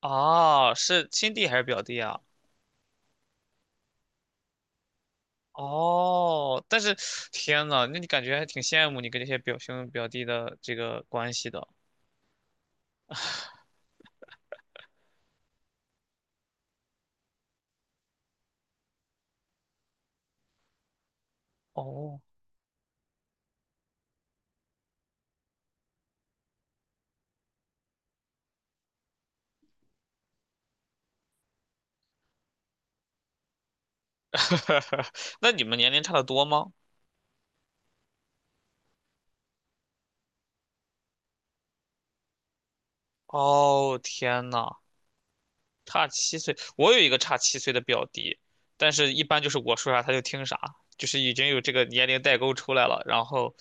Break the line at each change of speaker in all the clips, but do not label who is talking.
哦，是亲弟还是表弟啊？哦，但是天呐，那你感觉还挺羡慕你跟这些表兄表弟的这个关系的。哦，那你们年龄差的多吗？哦，天呐，差七岁，我有一个差七岁的表弟，但是一般就是我说啥他就听啥，就是已经有这个年龄代沟出来了，然后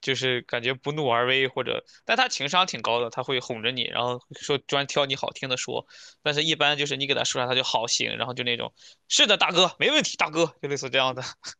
就是感觉不怒而威或者，但他情商挺高的，他会哄着你，然后说专挑你好听的说，但是一般就是你给他说啥他就好行，然后就那种是的大哥没问题大哥，就类似这样的。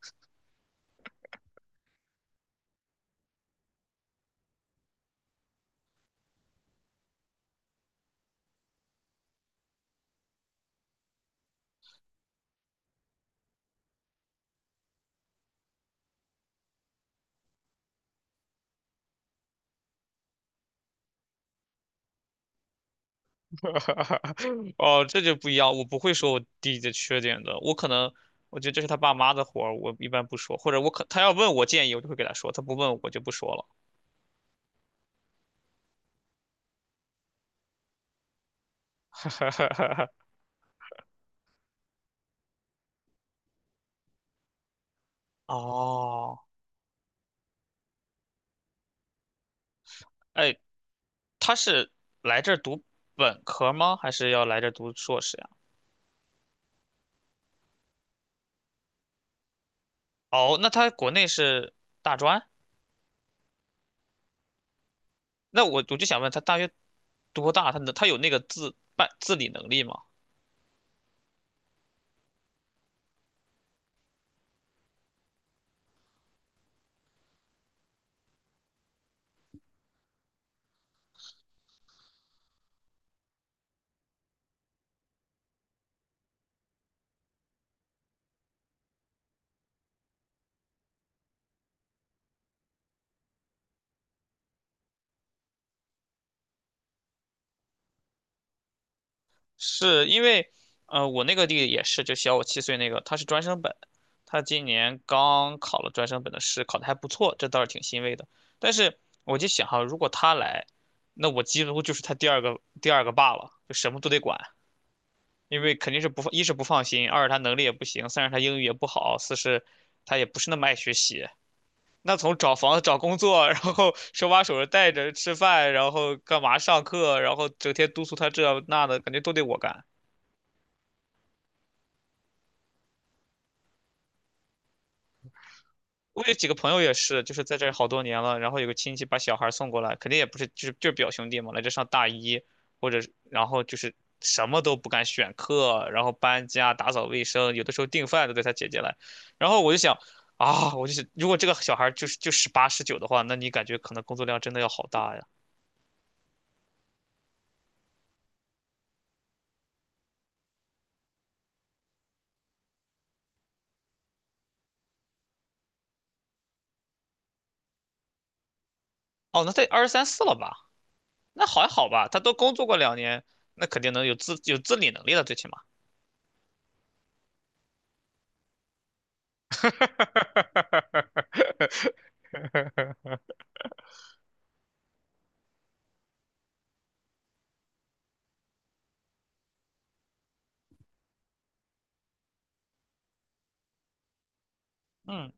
哦，这就不一样，我不会说我弟弟的缺点的，我可能。我觉得这是他爸妈的活儿，我一般不说，或者我可他要问我建议，我就会给他说，他不问我就不说了。哦，哎，他是来这儿读本科吗？还是要来这儿读硕士呀？哦，那他国内是大专？那我就想问他，大学多大？他有那个自办自理能力吗？是因为，我那个弟弟也是，就小我七岁那个，他是专升本，他今年刚考了专升本的试，考的还不错，这倒是挺欣慰的。但是我就想哈，如果他来，那我几乎就是他第二个爸了，就什么都得管。因为肯定是不放，一是不放心，二是他能力也不行，三是他英语也不好，四是他也不是那么爱学习。那从找房子、找工作，然后手把手的带着吃饭，然后干嘛上课，然后整天督促他这那的，感觉都得我干。我有几个朋友也是，就是在这儿好多年了，然后有个亲戚把小孩儿送过来，肯定也不是，就是表兄弟嘛，来这上大一，或者是然后就是什么都不敢选课，然后搬家、打扫卫生，有的时候订饭都得他姐姐来，然后我就想啊，我就想，如果这个小孩儿就是就18、19的话，那你感觉可能工作量真的要好大呀？哦，那得二十三四了吧？那还好吧，他都工作过2年，那肯定能有自有自理能力了，最起码。嗯。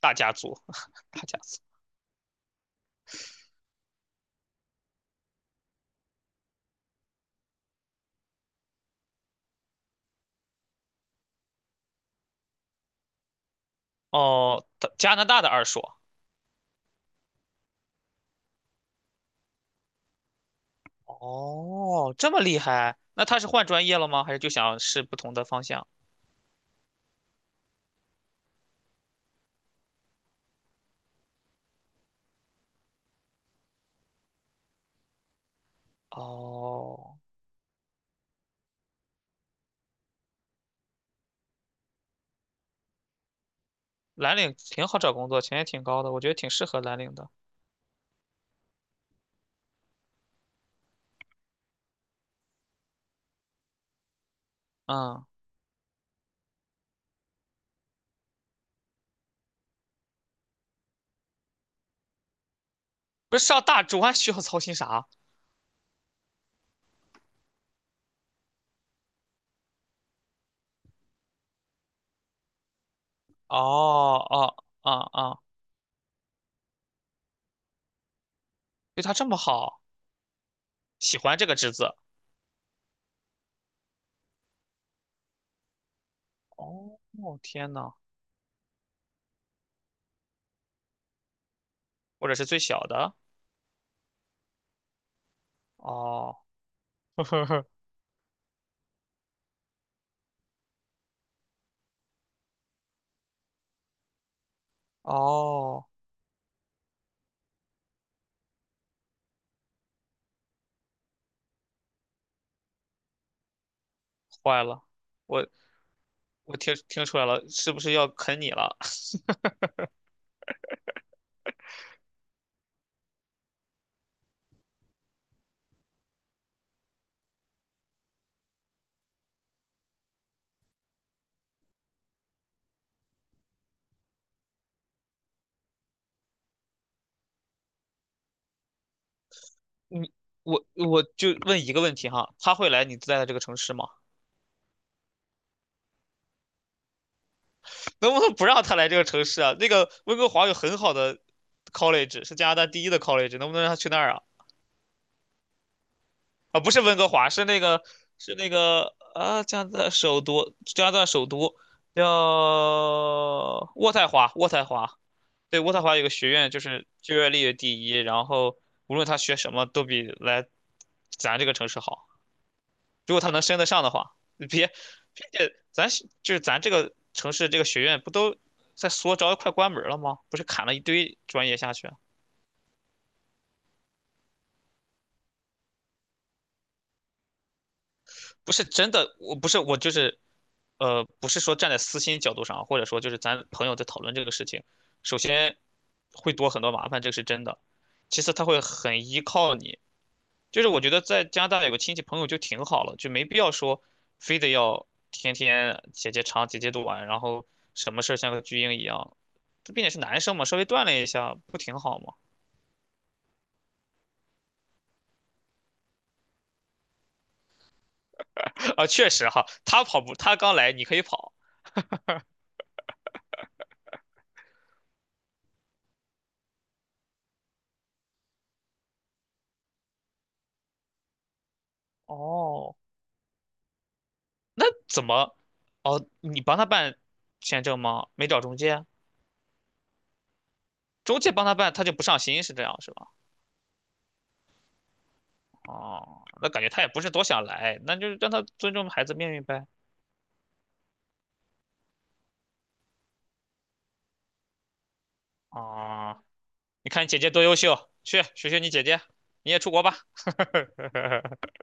大家族，大家族。哦，他加拿大的二硕。哦，这么厉害？那他是换专业了吗？还是就想试不同的方向？哦，蓝领挺好找工作，钱也挺高的，我觉得挺适合蓝领的。嗯，不是上大专 需要操心啥？哦哦哦哦，对他这么好，喜欢这个职子哦，天呐，或者是最小的？哦，哦，坏了，我我听出来了，是不是要啃你了？你我就问一个问题哈，他会来你在的这个城市吗？能不能不让他来这个城市啊？那个温哥华有很好的 college，是加拿大第一的 college，能不能让他去那儿啊？啊，不是温哥华，是那个啊，加拿大首都，加拿大首都叫渥太华，渥太华，对，渥太华有个学院，就是就业率第一，然后无论他学什么都比来咱这个城市好。如果他能升得上的话，别且咱就是咱这个城市这个学院不都在缩招，快关门了吗？不是砍了一堆专业下去啊，不是真的，我不是我就是，呃，不是说站在私心角度上啊，或者说就是咱朋友在讨论这个事情，首先会多很多麻烦，这个是真的。其次，他会很依靠你，就是我觉得在加拿大有个亲戚朋友就挺好了，就没必要说非得要天天姐姐长姐姐短，然后什么事儿像个巨婴一样。这毕竟是男生嘛，稍微锻炼一下不挺好吗？啊，确实哈，他跑步，他刚来，你可以跑。哦，那怎么？哦，你帮他办签证吗？没找中介？中介帮他办，他就不上心，是这样是吧？哦，那感觉他也不是多想来，那就让他尊重孩子命运呗。啊，你看你姐姐多优秀，去学学你姐姐，你也出国吧。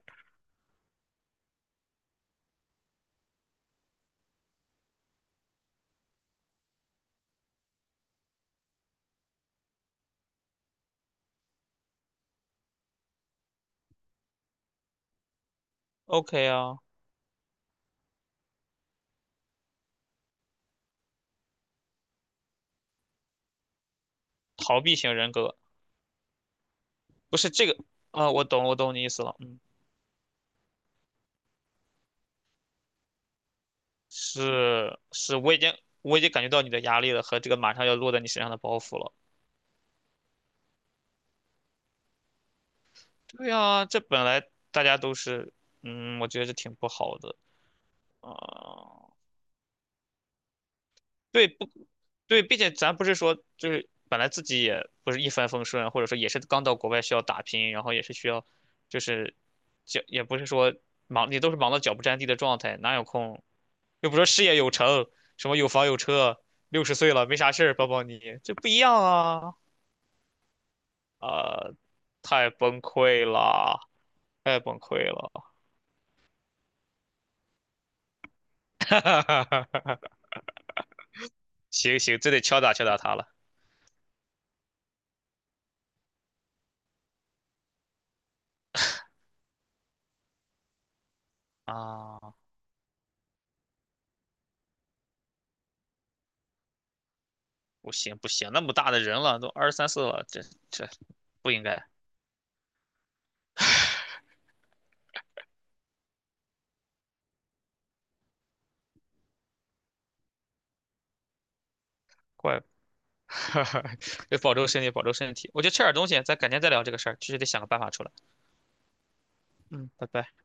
OK 啊，逃避型人格不是这个啊，我懂，我懂你意思了，嗯，是是，我已经感觉到你的压力了和这个马上要落在你身上的包袱了。对啊，这本来大家都是，嗯，我觉得这挺不好的啊。对不？对，并且咱不是说就是本来自己也不是一帆风顺，或者说也是刚到国外需要打拼，然后也是需要，就是脚也不是说忙，也都是忙到脚不沾地的状态，哪有空？又不说事业有成，什么有房有车，60岁了没啥事儿，抱抱你，这不一样啊！啊，太崩溃了，太崩溃了，行行，这得敲打敲打他了啊！不行不行，那么大的人了，都二十三四了，这不应该，怪，哈哈，得保重身体，保重身体。我觉得吃点东西，咱改天再聊这个事儿，确实得想个办法出来。嗯，拜拜。